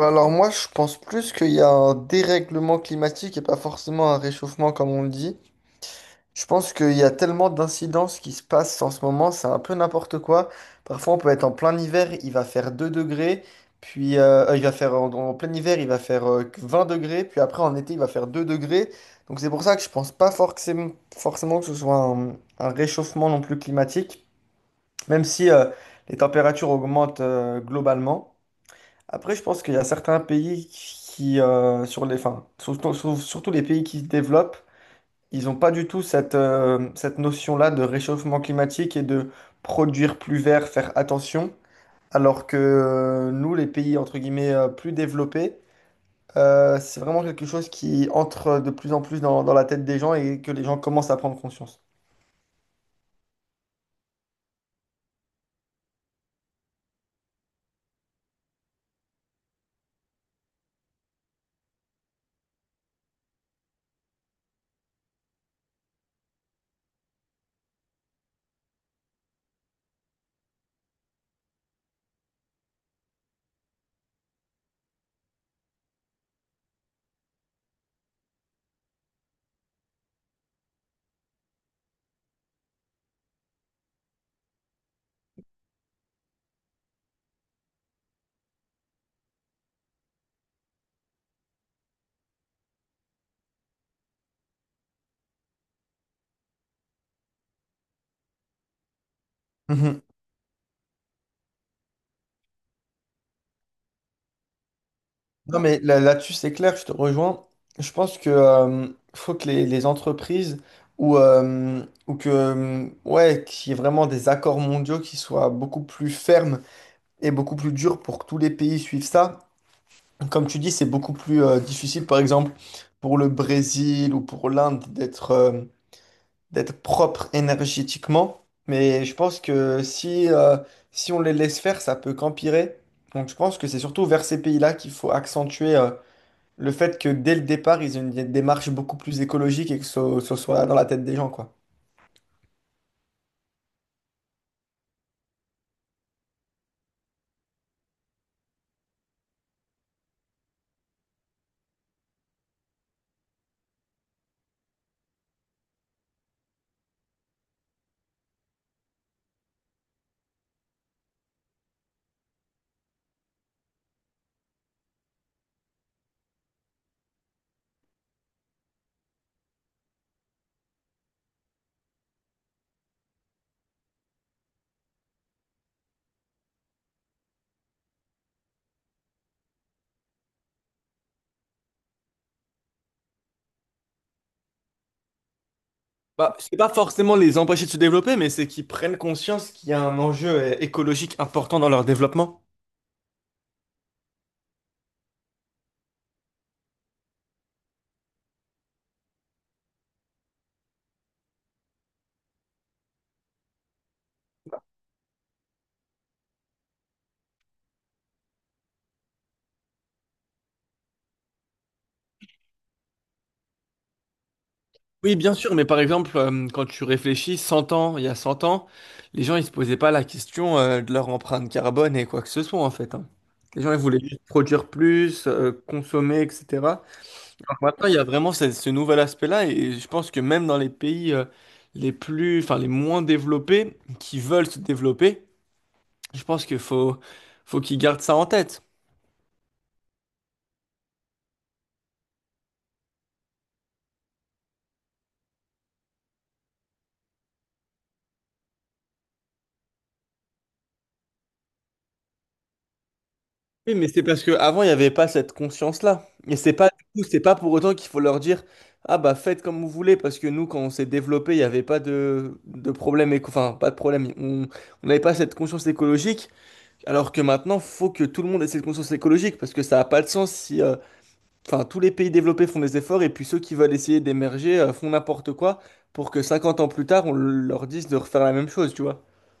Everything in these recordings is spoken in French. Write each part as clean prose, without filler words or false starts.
Alors moi, je pense plus qu'il y a un dérèglement climatique et pas forcément un réchauffement comme on le dit. Je pense qu'il y a tellement d'incidences qui se passent en ce moment, c'est un peu n'importe quoi. Parfois, on peut être en plein hiver, il va faire 2 degrés, puis il va faire en plein hiver, il va faire que 20 degrés, puis après en été, il va faire 2 degrés. Donc c'est pour ça que je pense pas forcément que ce soit un réchauffement non plus climatique, même si les températures augmentent globalement. Après, je pense qu'il y a certains pays qui, sur les, enfin, surtout, surtout les pays qui se développent, ils n'ont pas du tout cette, cette notion-là de réchauffement climatique et de produire plus vert, faire attention. Alors que nous, les pays, entre guillemets, plus développés, c'est vraiment quelque chose qui entre de plus en plus dans la tête des gens et que les gens commencent à prendre conscience. Mhm. Non, mais là-dessus, c'est clair, je te rejoins. Je pense que faut que les entreprises ou que ouais, qu'il y ait vraiment des accords mondiaux qui soient beaucoup plus fermes et beaucoup plus durs pour que tous les pays suivent ça. Comme tu dis, c'est beaucoup plus difficile, par exemple, pour le Brésil ou pour l'Inde d'être propre énergétiquement. Mais je pense que si on les laisse faire, ça peut qu'empirer. Donc je pense que c'est surtout vers ces pays-là qu'il faut accentuer. Le fait que dès le départ, ils aient une démarche beaucoup plus écologique et que ce soit dans la tête des gens, quoi. Bah, c'est pas forcément les empêcher de se développer, mais c'est qu'ils prennent conscience qu'il y a un enjeu écologique important dans leur développement. Oui, bien sûr, mais par exemple, quand tu réfléchis 100 ans, il y a 100 ans, les gens ils se posaient pas la question de leur empreinte carbone et quoi que ce soit en fait. Hein. Les gens ils voulaient juste produire plus, consommer, etc. Maintenant, il y a vraiment ce nouvel aspect-là, et je pense que même dans les pays les plus, enfin les moins développés, qui veulent se développer, je pense qu'il faut qu'ils gardent ça en tête. Oui, mais c'est parce qu'avant, il n'y avait pas cette conscience-là. Et c'est pas, du coup, c'est pas pour autant qu'il faut leur dire, ah bah faites comme vous voulez, parce que nous, quand on s'est développé, il n'y avait pas de problème, enfin pas de problème, on n'avait pas cette conscience écologique, alors que maintenant, faut que tout le monde ait cette conscience écologique, parce que ça n'a pas de sens si... enfin, tous les pays développés font des efforts et puis ceux qui veulent essayer d'émerger font n'importe quoi pour que 50 ans plus tard, on leur dise de refaire la même chose, tu vois.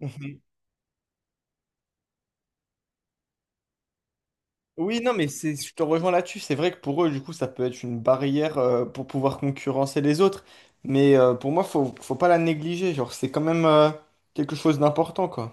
Mhm. Oui, non, mais c'est, je te rejoins là-dessus. C'est vrai que pour eux, du coup, ça peut être une barrière pour pouvoir concurrencer les autres. Mais pour moi, faut pas la négliger. Genre, c'est quand même quelque chose d'important, quoi.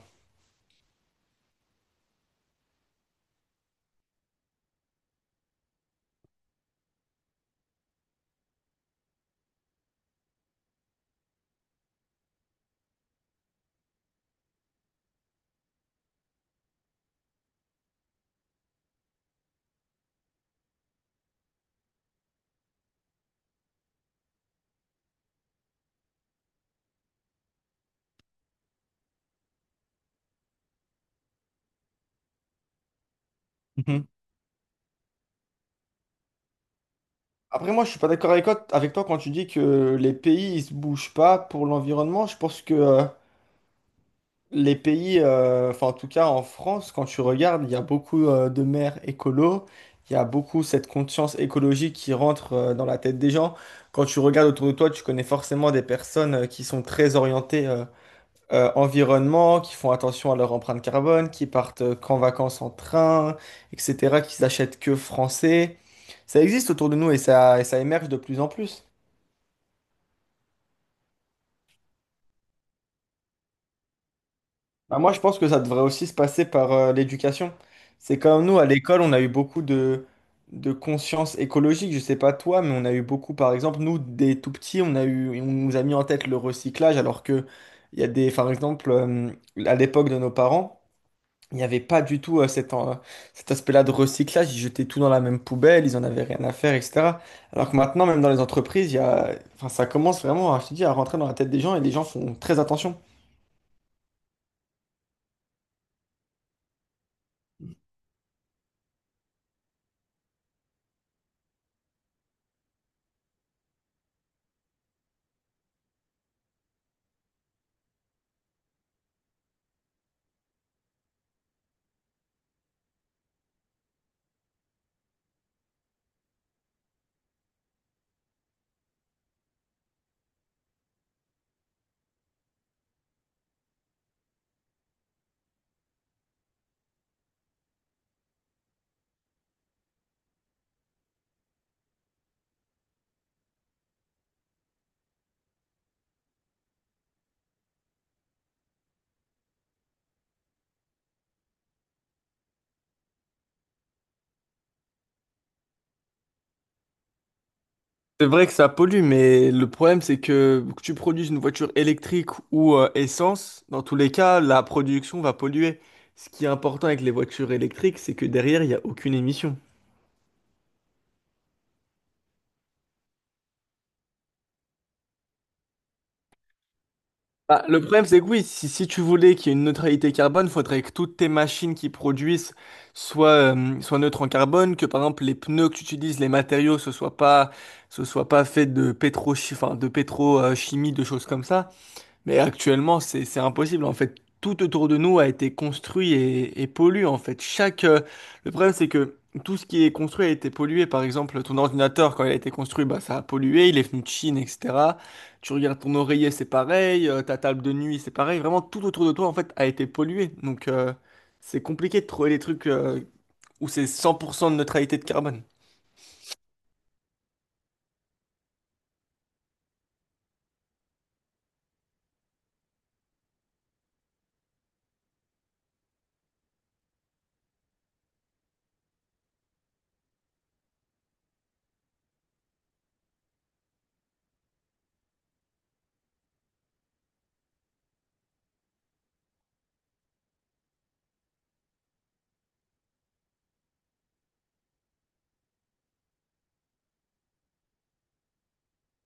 Mhm. Après, moi, je suis pas d'accord avec toi quand tu dis que les pays, ils se bougent pas pour l'environnement. Je pense que les pays, enfin en tout cas en France, quand tu regardes, il y a beaucoup de maires écolos, il y a beaucoup cette conscience écologique qui rentre dans la tête des gens. Quand tu regardes autour de toi, tu connais forcément des personnes qui sont très orientées environnement, qui font attention à leur empreinte carbone, qui partent qu'en vacances en train, etc., qui s'achètent que français. Ça existe autour de nous et ça émerge de plus en plus. Bah, moi, je pense que ça devrait aussi se passer par l'éducation. C'est comme nous, à l'école, on a eu beaucoup de conscience écologique. Je sais pas toi, mais on a eu beaucoup, par exemple, nous, des tout petits, on a eu, on nous a mis en tête le recyclage, alors que il y a des, par exemple, à l'époque de nos parents, il n'y avait pas du tout cet aspect-là de recyclage. Ils jetaient tout dans la même poubelle, ils en avaient rien à faire, etc. Alors que maintenant, même dans les entreprises, il y a, enfin, ça commence vraiment, je te dis, à rentrer dans la tête des gens et les gens font très attention. C'est vrai que ça pollue, mais le problème, c'est que tu produises une voiture électrique ou essence, dans tous les cas, la production va polluer. Ce qui est important avec les voitures électriques, c'est que derrière, il n'y a aucune émission. Bah, le problème, c'est que oui, si tu voulais qu'il y ait une neutralité carbone, il faudrait que toutes tes machines qui produisent soient neutres en carbone, que par exemple les pneus que tu utilises, les matériaux, ce soit pas fait de pétro, enfin, de pétrochimie, de choses comme ça. Mais actuellement, c'est impossible. En fait, tout autour de nous a été construit et pollué. En fait, chaque le problème, c'est que tout ce qui est construit a été pollué. Par exemple, ton ordinateur, quand il a été construit, bah, ça a pollué. Il est venu de Chine, etc. Tu regardes ton oreiller, c'est pareil. Ta table de nuit, c'est pareil. Vraiment, tout autour de toi, en fait, a été pollué. Donc, c'est compliqué de trouver des trucs où c'est 100% de neutralité de carbone.